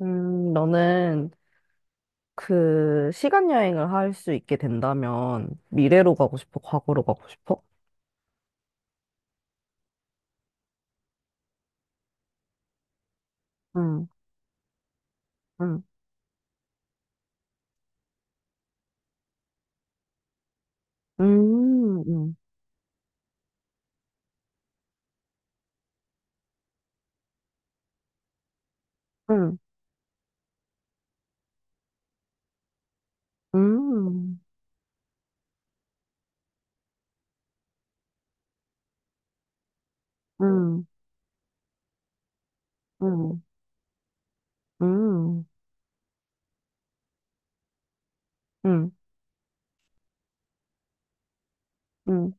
너는 그 시간 여행을 할 수 있게 된다면 미래로 가고 싶어? 과거로 가고 싶어? 응, 응, 음, 음, 음, 음, 음, 음, 음, 음, 음.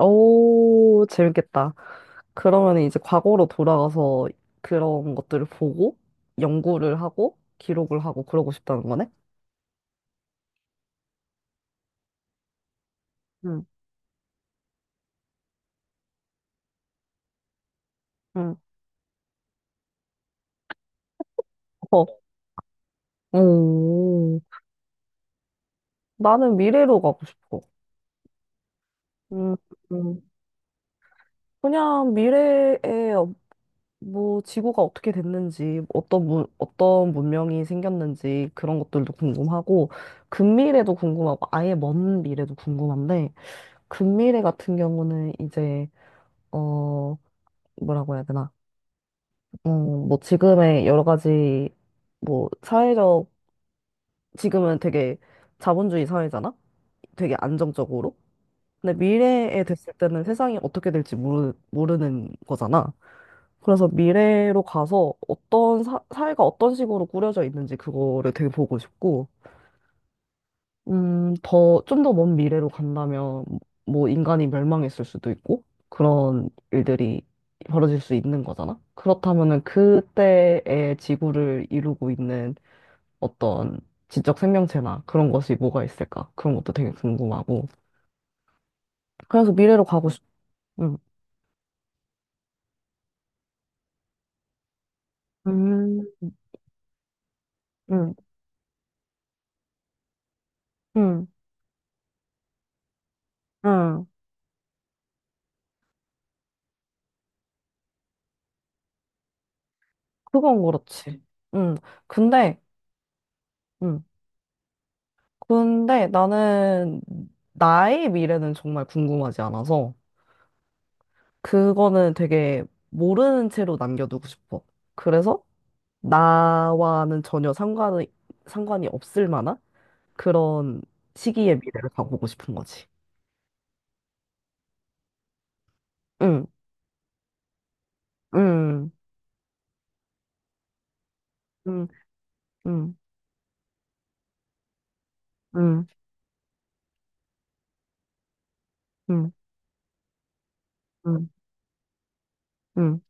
오, 재밌겠다. 그러면 이제 과거로 돌아가서 그런 것들을 보고 연구를 하고 기록을 하고 그러고 싶다는 거네? 응, 응, 어, 오, 나는 미래로 가고 싶어. 음, 그냥 미래에 뭐 지구가 어떻게 됐는지, 어떤 문명이 생겼는지 그런 것들도 궁금하고, 근미래도 궁금하고, 아예 먼 미래도 궁금한데, 근미래 같은 경우는 이제, 어, 뭐라고 해야 되나? 뭐 지금의 여러 가지, 뭐 사회적, 지금은 되게 자본주의 사회잖아? 되게 안정적으로? 근데 미래에 됐을 때는 세상이 어떻게 될지 모르는 거잖아. 그래서 미래로 가서 어떤 사회가 어떤 식으로 꾸려져 있는지 그거를 되게 보고 싶고, 좀 더 먼 미래로 간다면 뭐 인간이 멸망했을 수도 있고, 그런 일들이 벌어질 수 있는 거잖아. 그렇다면은 그때의 지구를 이루고 있는 어떤 지적 생명체나 그런 것이 뭐가 있을까? 그런 것도 되게 궁금하고. 그래서 미래로 가고 싶, 응, 음, 응, 응, 응. 그건 그렇지. 응. 근데, 응. 근데 나는 나의 미래는 정말 궁금하지 않아서 그거는 되게 모르는 채로 남겨두고 싶어. 그래서 나와는 전혀 상관이 없을 만한 그런 시기의 미래를 가보고 싶은 거지. 응, 응, 응, 응, 응, 응, 응, 응,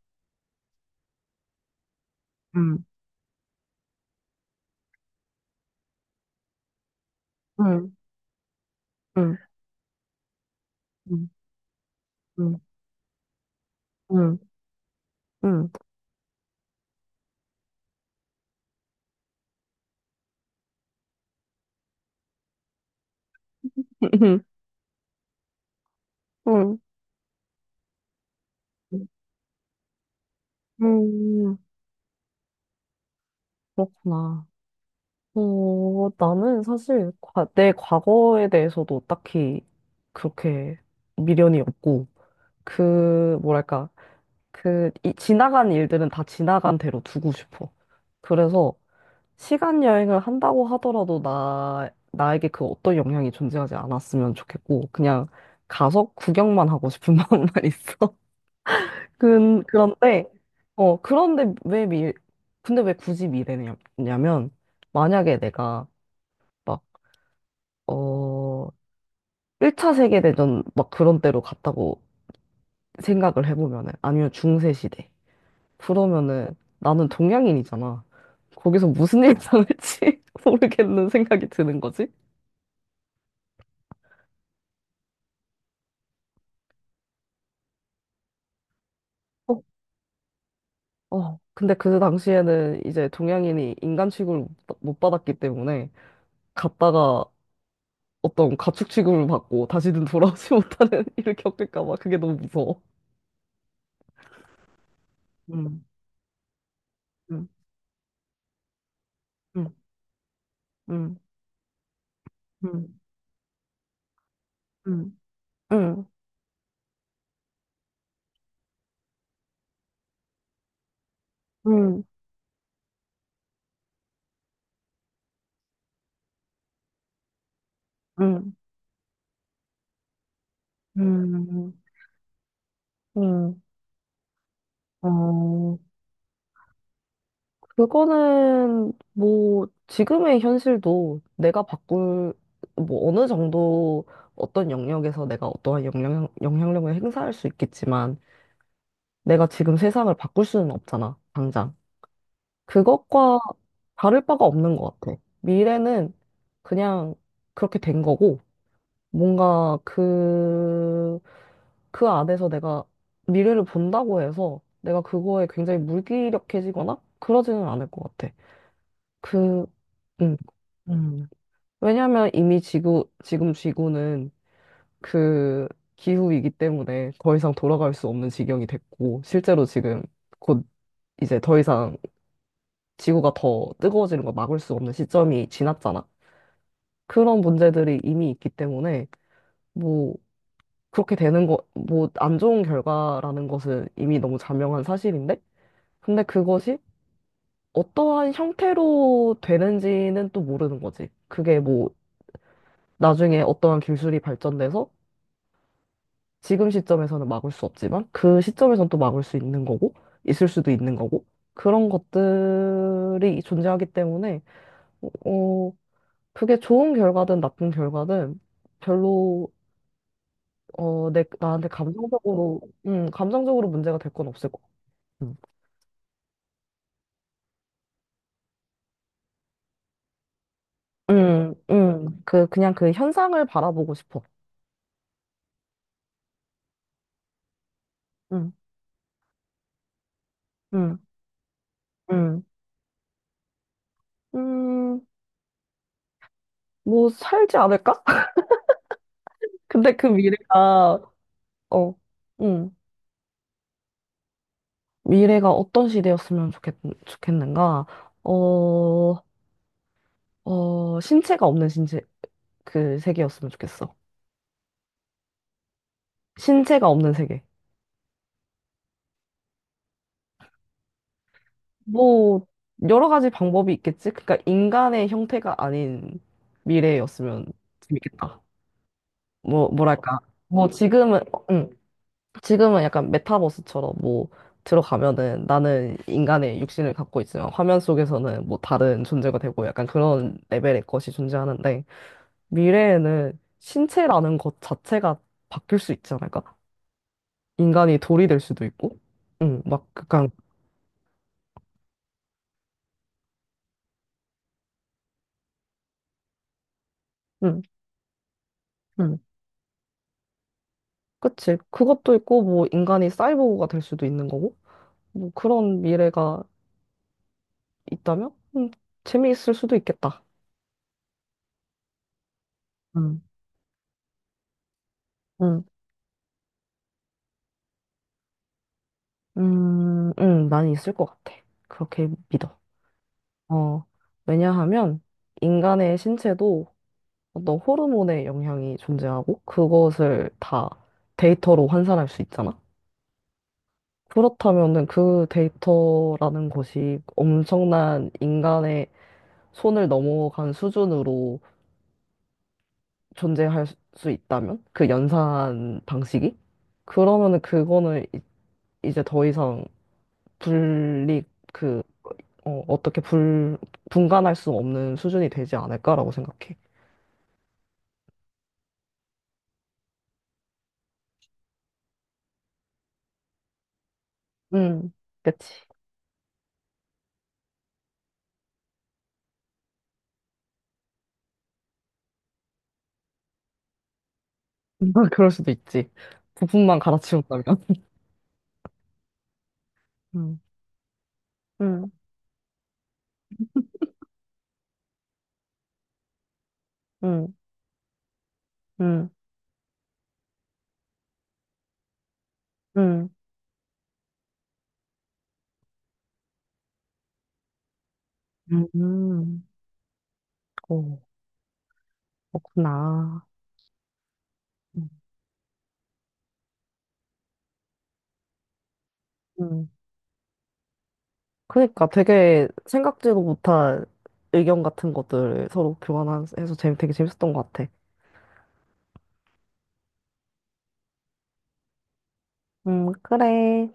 응, 응, 응, 응, 응, 응, 응, 응, 응, 응, 응, 그렇구나. 어, 나는 사실 내 과거에 대해서도 딱히 그렇게 미련이 없고, 그, 뭐랄까, 그, 이, 지나간 일들은 다 지나간 대로 두고 싶어. 그래서 시간 여행을 한다고 하더라도 나에게 그 어떤 영향이 존재하지 않았으면 좋겠고, 그냥 가서 구경만 하고 싶은 마음만 있어. 근, 그런데, 어, 그런데 왜 미, 근데 왜 굳이 미래냐면, 만약에 내가 어, 1차 세계대전 막 그런 때로 갔다고 생각을 해보면은, 아니면 중세시대. 그러면은 나는 동양인이잖아. 거기서 무슨 일 당할지 모르겠는 생각이 드는 거지. 어, 어, 근데 그 당시에는 이제 동양인이 인간 취급을 못 받았기 때문에 갔다가 어떤 가축 취급을 받고 다시는 돌아오지 못하는 일을 겪을까 봐 그게 너무 무서워. 음, 음, 음, 음, 음, 음, 음, 음, 음, 음. 음, 어, 그거는 뭐 지금의 현실도 내가 바꿀 뭐 어느 정도 어떤 영역에서 내가 어떠한 영향력을 행사할 수 있겠지만 내가 지금 세상을 바꿀 수는 없잖아, 당장. 그것과 다를 바가 없는 것 같아. 미래는 그냥 그렇게 된 거고 뭔가 그 안에서 내가 미래를 본다고 해서 내가 그거에 굉장히 물기력해지거나 그러지는 않을 것 같아. 그, 음. 음, 왜냐하면 이미 지금 지구는 그 기후이기 때문에 더 이상 돌아갈 수 없는 지경이 됐고, 실제로 지금 곧 이제 더 이상 지구가 더 뜨거워지는 걸 막을 수 없는 시점이 지났잖아. 그런 문제들이 이미 있기 때문에, 뭐, 그렇게 되는 거, 뭐, 안 좋은 결과라는 것은 이미 너무 자명한 사실인데? 근데 그것이 어떠한 형태로 되는지는 또 모르는 거지. 그게 뭐, 나중에 어떠한 기술이 발전돼서 지금 시점에서는 막을 수 없지만 그 시점에선 또 막을 수 있는 거고, 있을 수도 있는 거고, 그런 것들이 존재하기 때문에, 어, 그게 좋은 결과든 나쁜 결과든 별로, 나한테 감정적으로, 감정적으로 문제가 될 건 없을 것 같아. 그냥 그 현상을 바라보고 싶어. 음, 음, 음, 음, 뭐, 살지 않을까? 근데 그 미래가, 어, 음, 미래가 어떤 시대였으면 좋겠는가? 어, 신체가 없는 신체, 그 세계였으면 좋겠어. 신체가 없는 세계. 뭐, 여러 가지 방법이 있겠지? 그러니까 인간의 형태가 아닌 미래였으면 재밌겠다. 뭐, 뭐랄까. 뭐, 지금은, 응. 지금은 약간 메타버스처럼 뭐 들어가면은 나는 인간의 육신을 갖고 있지만 화면 속에서는 뭐 다른 존재가 되고 약간 그런 레벨의 것이 존재하는데 미래에는 신체라는 것 자체가 바뀔 수 있지 않을까? 인간이 돌이 될 수도 있고, 응, 막 약간, 응, 응, 그치. 그것도 있고 뭐 인간이 사이보그가 될 수도 있는 거고, 뭐 그런 미래가 있다면, 음, 재미있을 수도 있겠다. 응, 응. 응, 많이 있을 것 같아. 그렇게 믿어. 어, 왜냐하면 인간의 신체도 어떤 호르몬의 영향이 존재하고 그것을 다 데이터로 환산할 수 있잖아. 그렇다면은 그 데이터라는 것이 엄청난 인간의 손을 넘어간 수준으로 존재할 수 있다면 그 연산 방식이 그러면은 그거는 이제 더 이상 분리 그 어, 어떻게 불, 분간할 수 없는 수준이 되지 않을까라고 생각해. 음, 그치. 그럴 수도 있지. 부품만 갈아치운다면. 음, 음, 음, 음, 음, 음, 어, 그렇구나. 음. 음, 그러니까 되게 생각지도 못한 의견 같은 것들을 서로 교환해서 되게 재밌었던 것 같아. 그래.